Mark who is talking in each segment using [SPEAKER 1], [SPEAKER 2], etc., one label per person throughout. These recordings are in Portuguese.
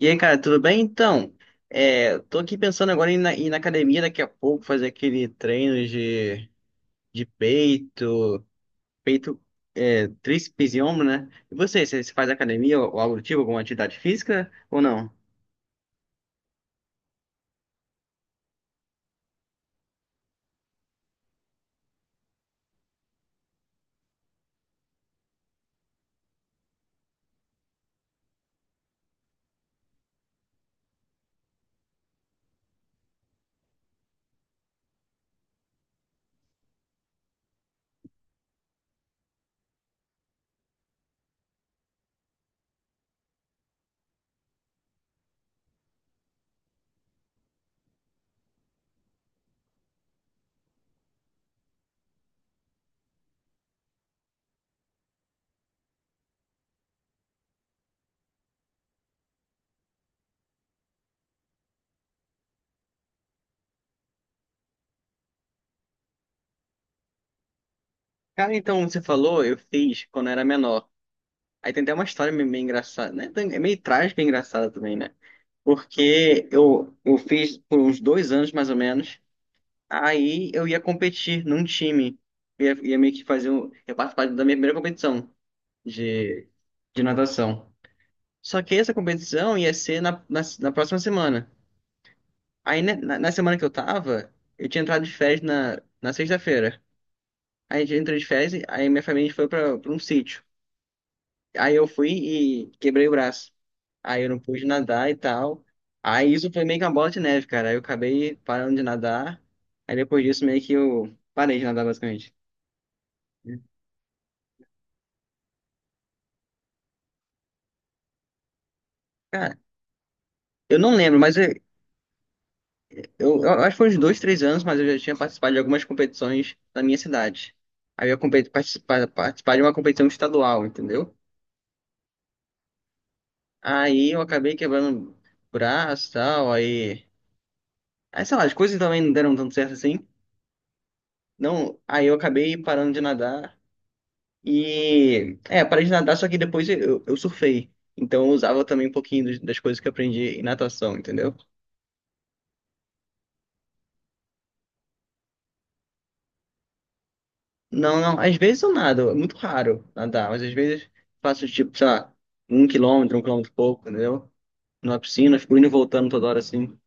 [SPEAKER 1] E aí, cara, tudo bem? Então, tô aqui pensando agora em ir na academia daqui a pouco, fazer aquele treino de peito, peito, tríceps e ombro, né? E você faz academia ou algo do tipo, alguma atividade física ou não? Cara, então, você falou, eu fiz quando eu era menor. Aí tem até uma história meio engraçada, né? É meio trágica e engraçada também, né? Porque eu fiz por uns 2 anos, mais ou menos. Aí eu ia competir num time. Ia meio que fazer um. Ia participar da minha primeira competição de, de natação. Só que essa competição ia ser na próxima semana. Aí né, na semana que eu tava, eu tinha entrado de férias na sexta-feira. Aí a gente entrou de férias, aí minha família foi pra um sítio. Aí eu fui e quebrei o braço. Aí eu não pude nadar e tal. Aí isso foi meio que uma bola de neve, cara. Aí eu acabei parando de nadar. Aí depois disso meio que eu parei de nadar basicamente. Cara, eu não lembro, mas eu acho que foi uns dois, 3 anos, mas eu já tinha participado de algumas competições na minha cidade. Aí eu participar de uma competição estadual, entendeu? Aí eu acabei quebrando braço e tal. Aí, Aí, sei lá, as coisas também não deram tanto certo assim. Não, aí eu acabei parando de nadar. E... É, parei de nadar, só que depois eu surfei. Então eu usava também um pouquinho das coisas que eu aprendi em natação, entendeu? Não, não. Às vezes eu nado, é muito raro nadar, mas às vezes faço tipo, sei lá, 1 quilômetro, 1 quilômetro e pouco, entendeu? Na piscina, fico indo e voltando toda hora assim.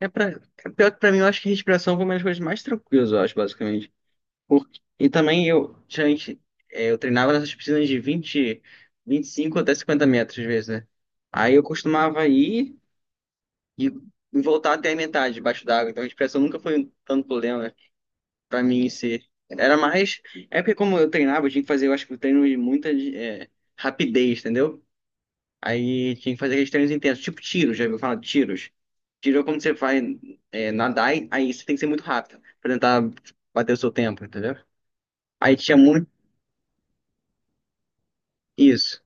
[SPEAKER 1] É pra... é Pior que pra mim, eu acho que respiração foi uma das coisas mais tranquilas, eu acho, basicamente. E também eu, gente, eu treinava nessas piscinas de 20, 25 até 50 metros, às vezes, né? Aí eu costumava ir e e voltar até a metade debaixo d'água, então a respiração nunca foi um tanto problema, né? Pra mim ser. Era mais. É porque como eu treinava, eu tinha que fazer, eu acho que o treino de muita rapidez, entendeu? Aí tinha que fazer aqueles treinos intensos, tipo tiros, já viu falar de tiros? Tiro é quando você vai nadar, aí você tem que ser muito rápido pra tentar bater o seu tempo, entendeu? Aí tinha muito. Isso.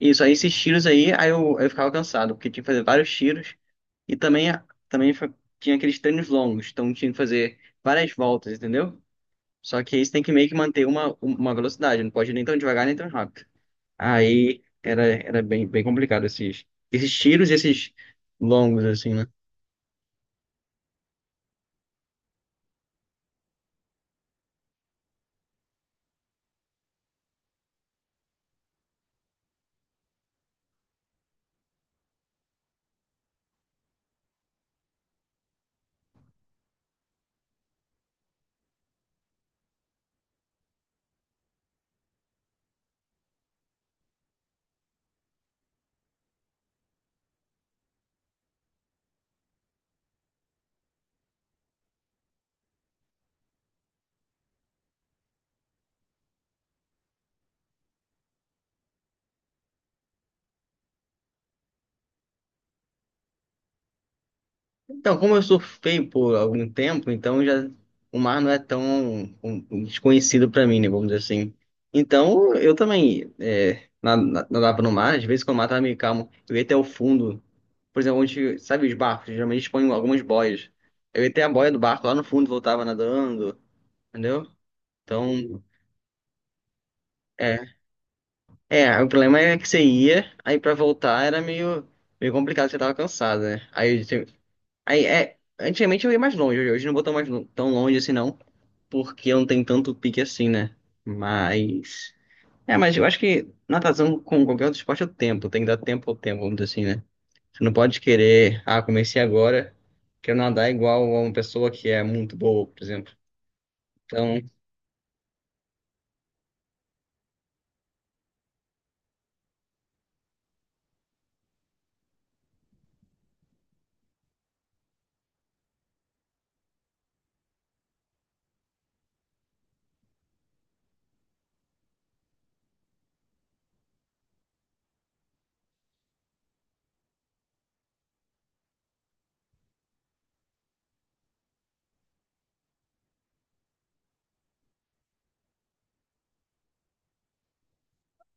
[SPEAKER 1] Isso, aí esses tiros aí eu ficava cansado, porque tinha que fazer vários tiros. E também tinha aqueles treinos longos, então tinha que fazer várias voltas, entendeu? Só que aí você tem que meio que manter uma velocidade, não pode nem tão devagar nem tão rápido. Aí era bem complicado esses tiros e esses longos, assim, né? Então, como eu surfei por algum tempo, então já o mar não é tão um desconhecido para mim, né? Vamos dizer assim. Então, eu também nadava no mar, às vezes quando o mar tava meio calmo, eu ia até o fundo. Por exemplo, onde, sabe os barcos? Geralmente eles põem algumas boias. Eu ia até a boia do barco lá no fundo, voltava nadando, entendeu? Então. É, o problema é que você ia, aí pra voltar era meio complicado, você tava cansado, né? Aí, antigamente eu ia mais longe, hoje não vou tão, mais, tão longe assim não, porque eu não tenho tanto pique assim, né? Mas, mas eu acho que natação com qualquer outro esporte é o tempo, tem que dar tempo ao tempo, vamos dizer assim, né? Você não pode querer, ah, comecei agora, quero nadar igual a uma pessoa que é muito boa, por exemplo. Então,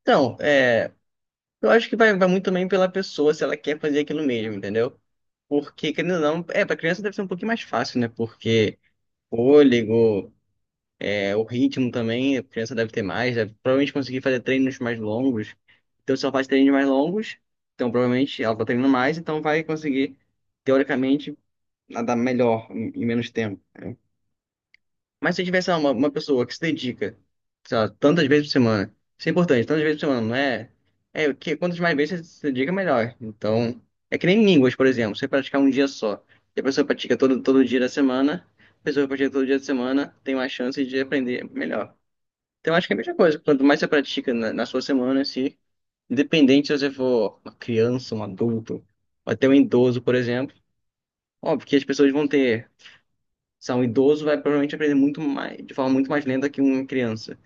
[SPEAKER 1] então. Eu acho que vai muito também pela pessoa, se ela quer fazer aquilo mesmo, entendeu? Porque, querendo ou não, pra criança deve ser um pouquinho mais fácil, né? Porque fôlego, o ritmo também, a criança deve ter mais, deve provavelmente conseguir fazer treinos mais longos. Então, se ela faz treinos mais longos, então provavelmente ela tá treinando mais, então vai conseguir, teoricamente, nadar melhor em menos tempo. Mas se eu tivesse sei lá, uma pessoa que se dedica, sei lá, tantas vezes por semana, isso é importante, tantas vezes por semana, não é? É, que quantas mais vezes você se dedica, melhor. Então, é que nem línguas, por exemplo, você praticar um dia só, e a pessoa pratica todo, todo dia da semana, a pessoa que pratica todo dia da semana tem mais chance de aprender melhor. Então, acho que é a mesma coisa, quanto mais você pratica na sua semana, se, independente se você for uma criança, um adulto, ou até um idoso, por exemplo, óbvio que as pessoas vão ter. Se é um idoso, vai provavelmente aprender muito mais, de forma muito mais lenta que uma criança.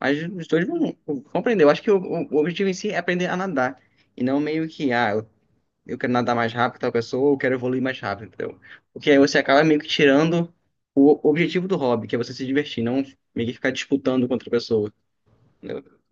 [SPEAKER 1] Mas os dois vão compreender. Eu acho que o objetivo em si é aprender a nadar. E não meio que, ah, eu quero nadar mais rápido que tal pessoa, ou eu quero evoluir mais rápido, entendeu? Porque aí você acaba meio que tirando o objetivo do hobby, que é você se divertir, não meio que ficar disputando com outra pessoa. Entendeu?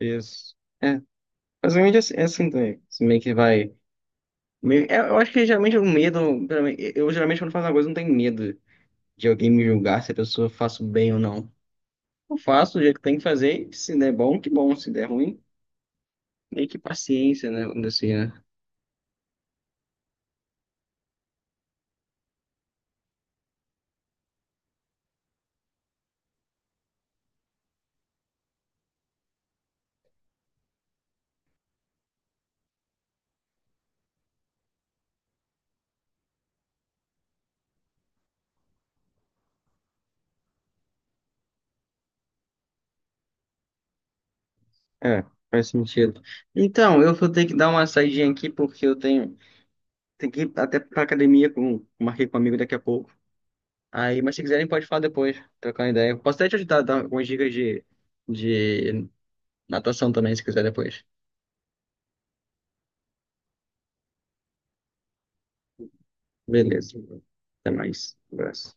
[SPEAKER 1] Isso. É, basicamente é assim também. Você meio que vai. Eu acho que geralmente o medo. Pelo menos, eu geralmente quando faço uma coisa eu não tenho medo de alguém me julgar se a pessoa faço bem ou não. Eu faço do jeito que tem que fazer, e se der bom, que bom, se der ruim, nem que paciência, né? Vamos dizer assim, né? É, faz sentido. Então, eu vou ter que dar uma saidinha aqui, porque eu tenho que ir até pra academia, com, marquei com um amigo daqui a pouco. Aí, mas se quiserem, pode falar depois, trocar uma ideia. Eu posso até te ajudar, dar algumas dicas de natação também, se quiser depois. Beleza. Até mais. Um abraço.